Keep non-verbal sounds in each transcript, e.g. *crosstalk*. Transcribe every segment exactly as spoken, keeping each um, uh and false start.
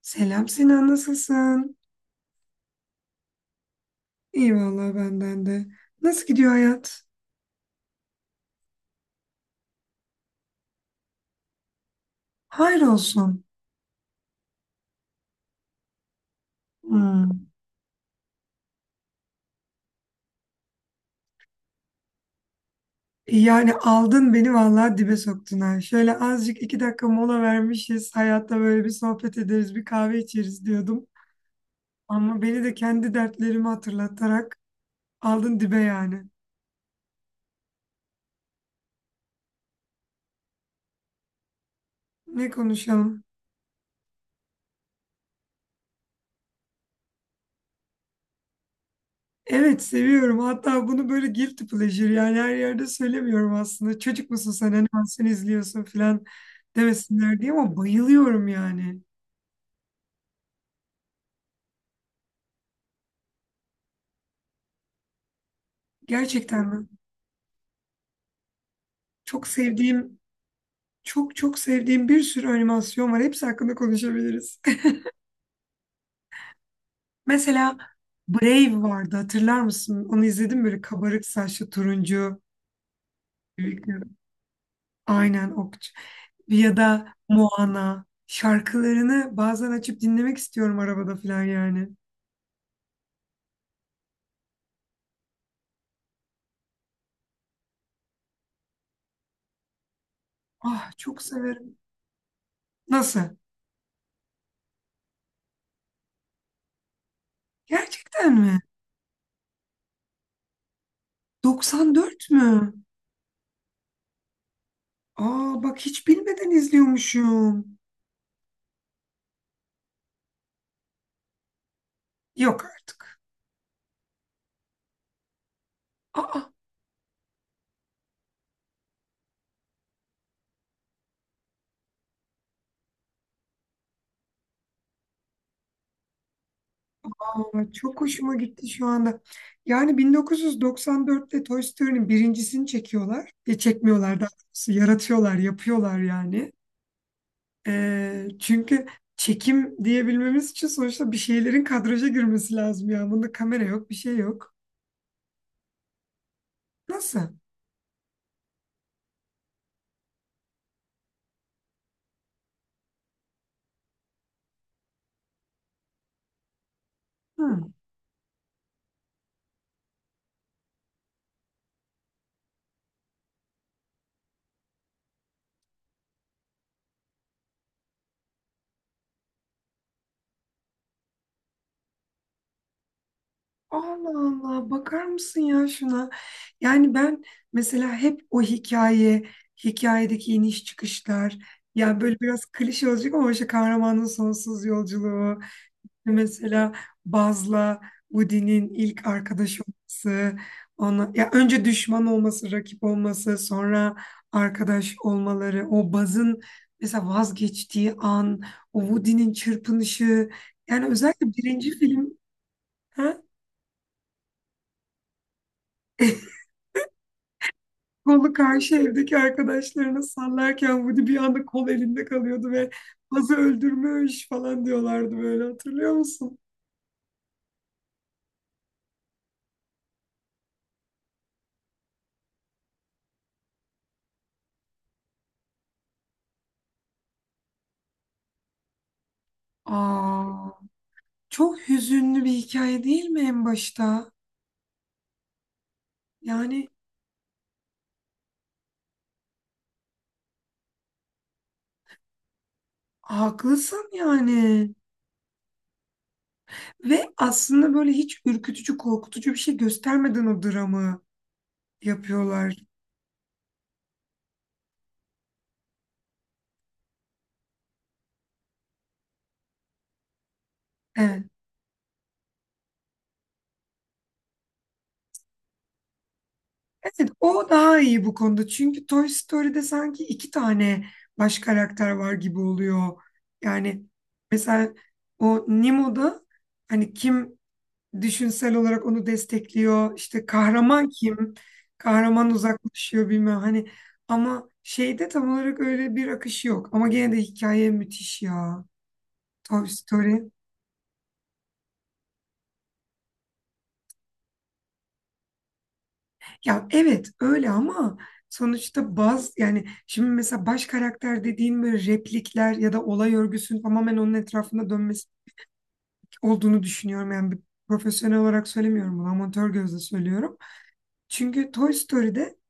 Selam Sinan, nasılsın? İyi vallahi benden de. Nasıl gidiyor hayat? Hayır olsun. Hmm. Yani aldın beni vallahi dibe soktun ha. Şöyle azıcık iki dakika mola vermişiz. Hayatta böyle bir sohbet ederiz, bir kahve içeriz diyordum. Ama beni de kendi dertlerimi hatırlatarak aldın dibe yani. Ne konuşalım? Evet seviyorum. Hatta bunu böyle guilty pleasure yani her yerde söylemiyorum aslında. Çocuk musun sen? Animasyon izliyorsun falan demesinler diye ama bayılıyorum yani. Gerçekten mi? Çok sevdiğim, çok çok sevdiğim bir sürü animasyon var. Hepsi hakkında konuşabiliriz. *laughs* Mesela Brave vardı. Hatırlar mısın? Onu izledim böyle kabarık saçlı turuncu. Aynen okçu. Ya da Moana. Şarkılarını bazen açıp dinlemek istiyorum arabada falan yani. Ah çok severim. Nasıl? Gerçekten mi? doksan dört mü? Aa bak hiç bilmeden izliyormuşum. Yok artık. Aa Ay, çok hoşuma gitti şu anda. Yani bin dokuz yüz doksan dörtte Toy Story'nin birincisini çekiyorlar. E, çekmiyorlar daha doğrusu. Yaratıyorlar, yapıyorlar yani. E, çünkü çekim diyebilmemiz için sonuçta bir şeylerin kadraja girmesi lazım ya. Bunda kamera yok, bir şey yok. Nasıl? Hı. Allah Allah, bakar mısın ya şuna? Yani ben mesela hep o hikaye, hikayedeki iniş çıkışlar, ya böyle biraz klişe olacak ama işte kahramanın sonsuz yolculuğu. Mesela Baz'la Woody'nin ilk arkadaş olması, ona ya önce düşman olması, rakip olması, sonra arkadaş olmaları, o Baz'ın mesela vazgeçtiği an, o Woody'nin çırpınışı, yani özellikle birinci film, ha? *laughs* Kolu karşı evdeki arkadaşlarına sallarken Woody bir anda kol elinde kalıyordu ve Baz'ı öldürmüş falan diyorlardı böyle, hatırlıyor musun? Aa, çok hüzünlü bir hikaye değil mi en başta? Yani haklısın yani. Ve aslında böyle hiç ürkütücü, korkutucu bir şey göstermeden o dramı yapıyorlar. Evet. Evet, o daha iyi bu konuda. Çünkü Toy Story'de sanki iki tane baş karakter var gibi oluyor. Yani mesela o Nemo'da hani kim düşünsel olarak onu destekliyor. İşte kahraman kim? Kahraman uzaklaşıyor bilmem, hani, ama şeyde tam olarak öyle bir akış yok. Ama gene de hikaye müthiş ya. Toy Story. Ya evet öyle ama sonuçta baz, yani şimdi mesela baş karakter dediğin böyle replikler ya da olay örgüsünün tamamen onun etrafında dönmesi olduğunu düşünüyorum. Yani bir profesyonel olarak söylemiyorum bunu, amatör gözle söylüyorum. Çünkü Toy Story'de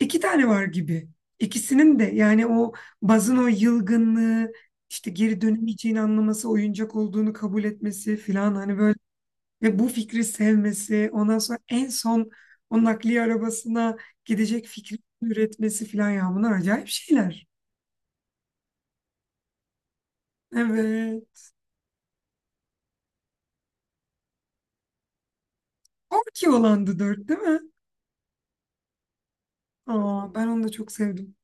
İki tane var gibi. İkisinin de yani o Baz'ın o yılgınlığı, işte geri dönemeyeceğini anlaması, oyuncak olduğunu kabul etmesi filan hani böyle ve bu fikri sevmesi, ondan sonra en son o nakliye arabasına gidecek fikri üretmesi filan, ya bunlar acayip şeyler. Evet. Orki olandı dört değil mi? Aa, ben onu da çok sevdim.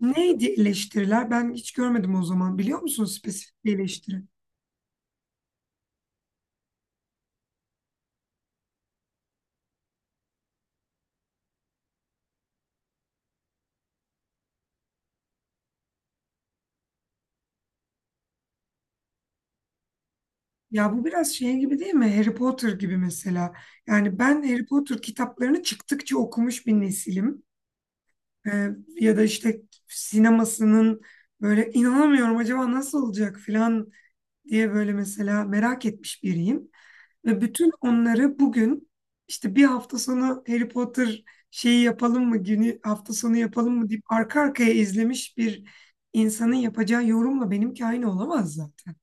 Neydi eleştiriler? Ben hiç görmedim o zaman. Biliyor musun spesifik bir eleştiri? Ya bu biraz şey gibi değil mi? Harry Potter gibi mesela. Yani ben Harry Potter kitaplarını çıktıkça okumuş bir nesilim. Ee, ya da işte sinemasının böyle inanamıyorum acaba nasıl olacak falan diye böyle mesela merak etmiş biriyim. Ve bütün onları bugün işte bir hafta sonu Harry Potter şeyi yapalım mı günü, hafta sonu yapalım mı deyip arka arkaya izlemiş bir insanın yapacağı yorumla benimki aynı olamaz zaten.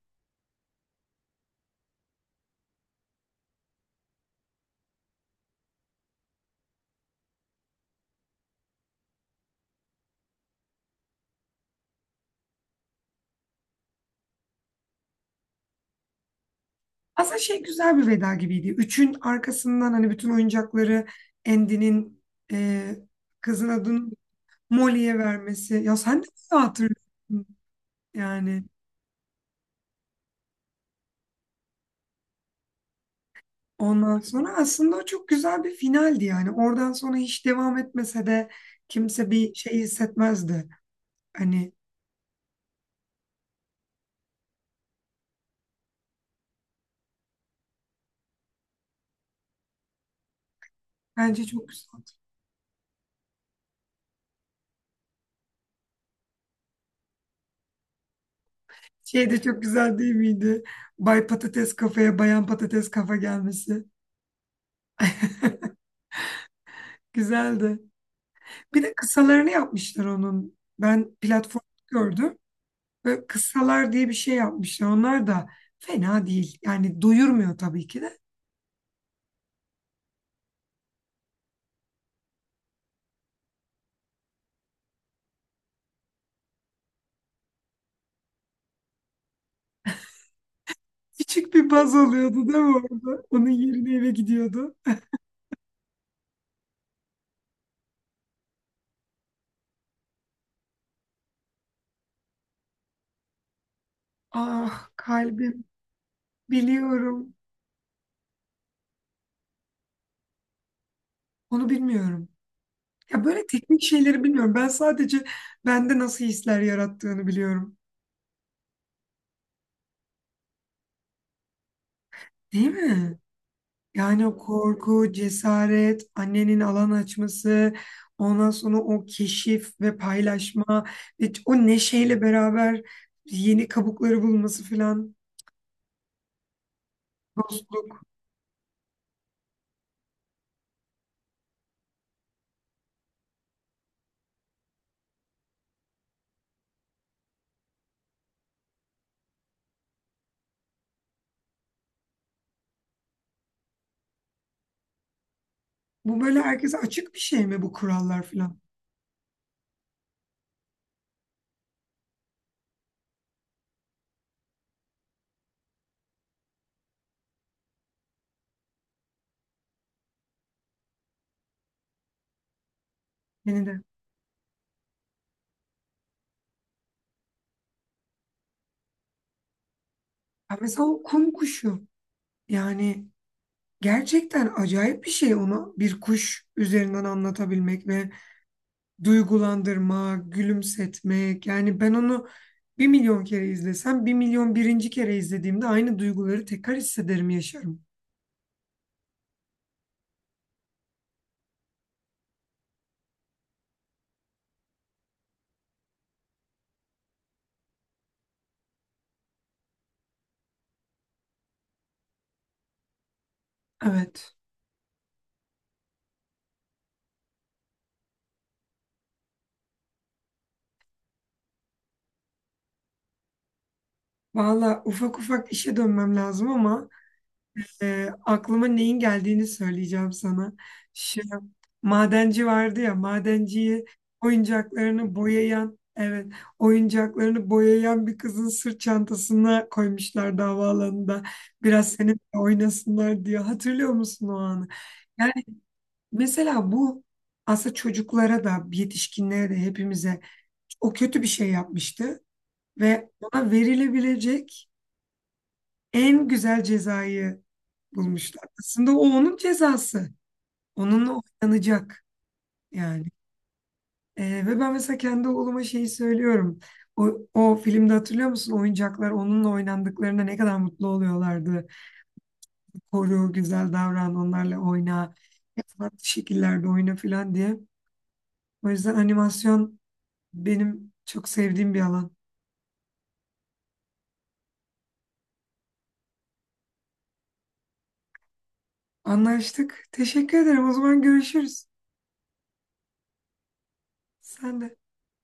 Aslında şey güzel bir veda gibiydi. Üçün arkasından hani bütün oyuncakları Andy'nin, e, kızın adını Molly'ye vermesi. Ya sen de mi hatırlıyorsun yani. Ondan sonra aslında o çok güzel bir finaldi yani. Oradan sonra hiç devam etmese de kimse bir şey hissetmezdi. Hani bence çok güzel. Şey de çok güzel değil miydi? Bay Patates kafaya Bayan Patates kafa gelmesi. Güzeldi. Bir de kısalarını yapmışlar onun. Ben platform gördüm. Böyle kıssalar diye bir şey yapmışlar. Onlar da fena değil. Yani doyurmuyor tabii ki de. Küçük bir baz oluyordu değil mi orada? Onun yerine eve gidiyordu. Ah kalbim, biliyorum. Onu bilmiyorum. Ya böyle teknik şeyleri bilmiyorum. Ben sadece bende nasıl hisler yarattığını biliyorum. Değil mi? Yani o korku, cesaret, annenin alan açması, ondan sonra o keşif ve paylaşma ve o neşeyle beraber yeni kabukları bulması falan. Dostluk. Bu böyle herkese açık bir şey mi bu kurallar falan? Beni de. Ya mesela o kum kuşu. Yani gerçekten acayip bir şey onu bir kuş üzerinden anlatabilmek ve duygulandırma, gülümsetmek. Yani ben onu bir milyon kere izlesem, bir milyon birinci kere izlediğimde aynı duyguları tekrar hissederim, yaşarım. Evet. Valla ufak ufak işe dönmem lazım ama e, aklıma neyin geldiğini söyleyeceğim sana. Şu madenci vardı ya, madenciyi oyuncaklarını boyayan, evet, oyuncaklarını boyayan bir kızın sırt çantasına koymuşlar havaalanında. Biraz seninle oynasınlar diye. Hatırlıyor musun o anı? Mesela bu aslında çocuklara da, yetişkinlere de hepimize, o kötü bir şey yapmıştı ve ona verilebilecek en güzel cezayı bulmuşlar. Aslında o onun cezası. Onunla oynanacak yani. Ee, ve ben mesela kendi oğluma şeyi söylüyorum. O, o filmde hatırlıyor musun? Oyuncaklar onunla oynandıklarında ne kadar mutlu oluyorlardı. Koru, güzel davran, onlarla oyna. Farklı şekillerde oyna falan diye. O yüzden animasyon benim çok sevdiğim bir alan. Anlaştık. Teşekkür ederim. O zaman görüşürüz. Sen de.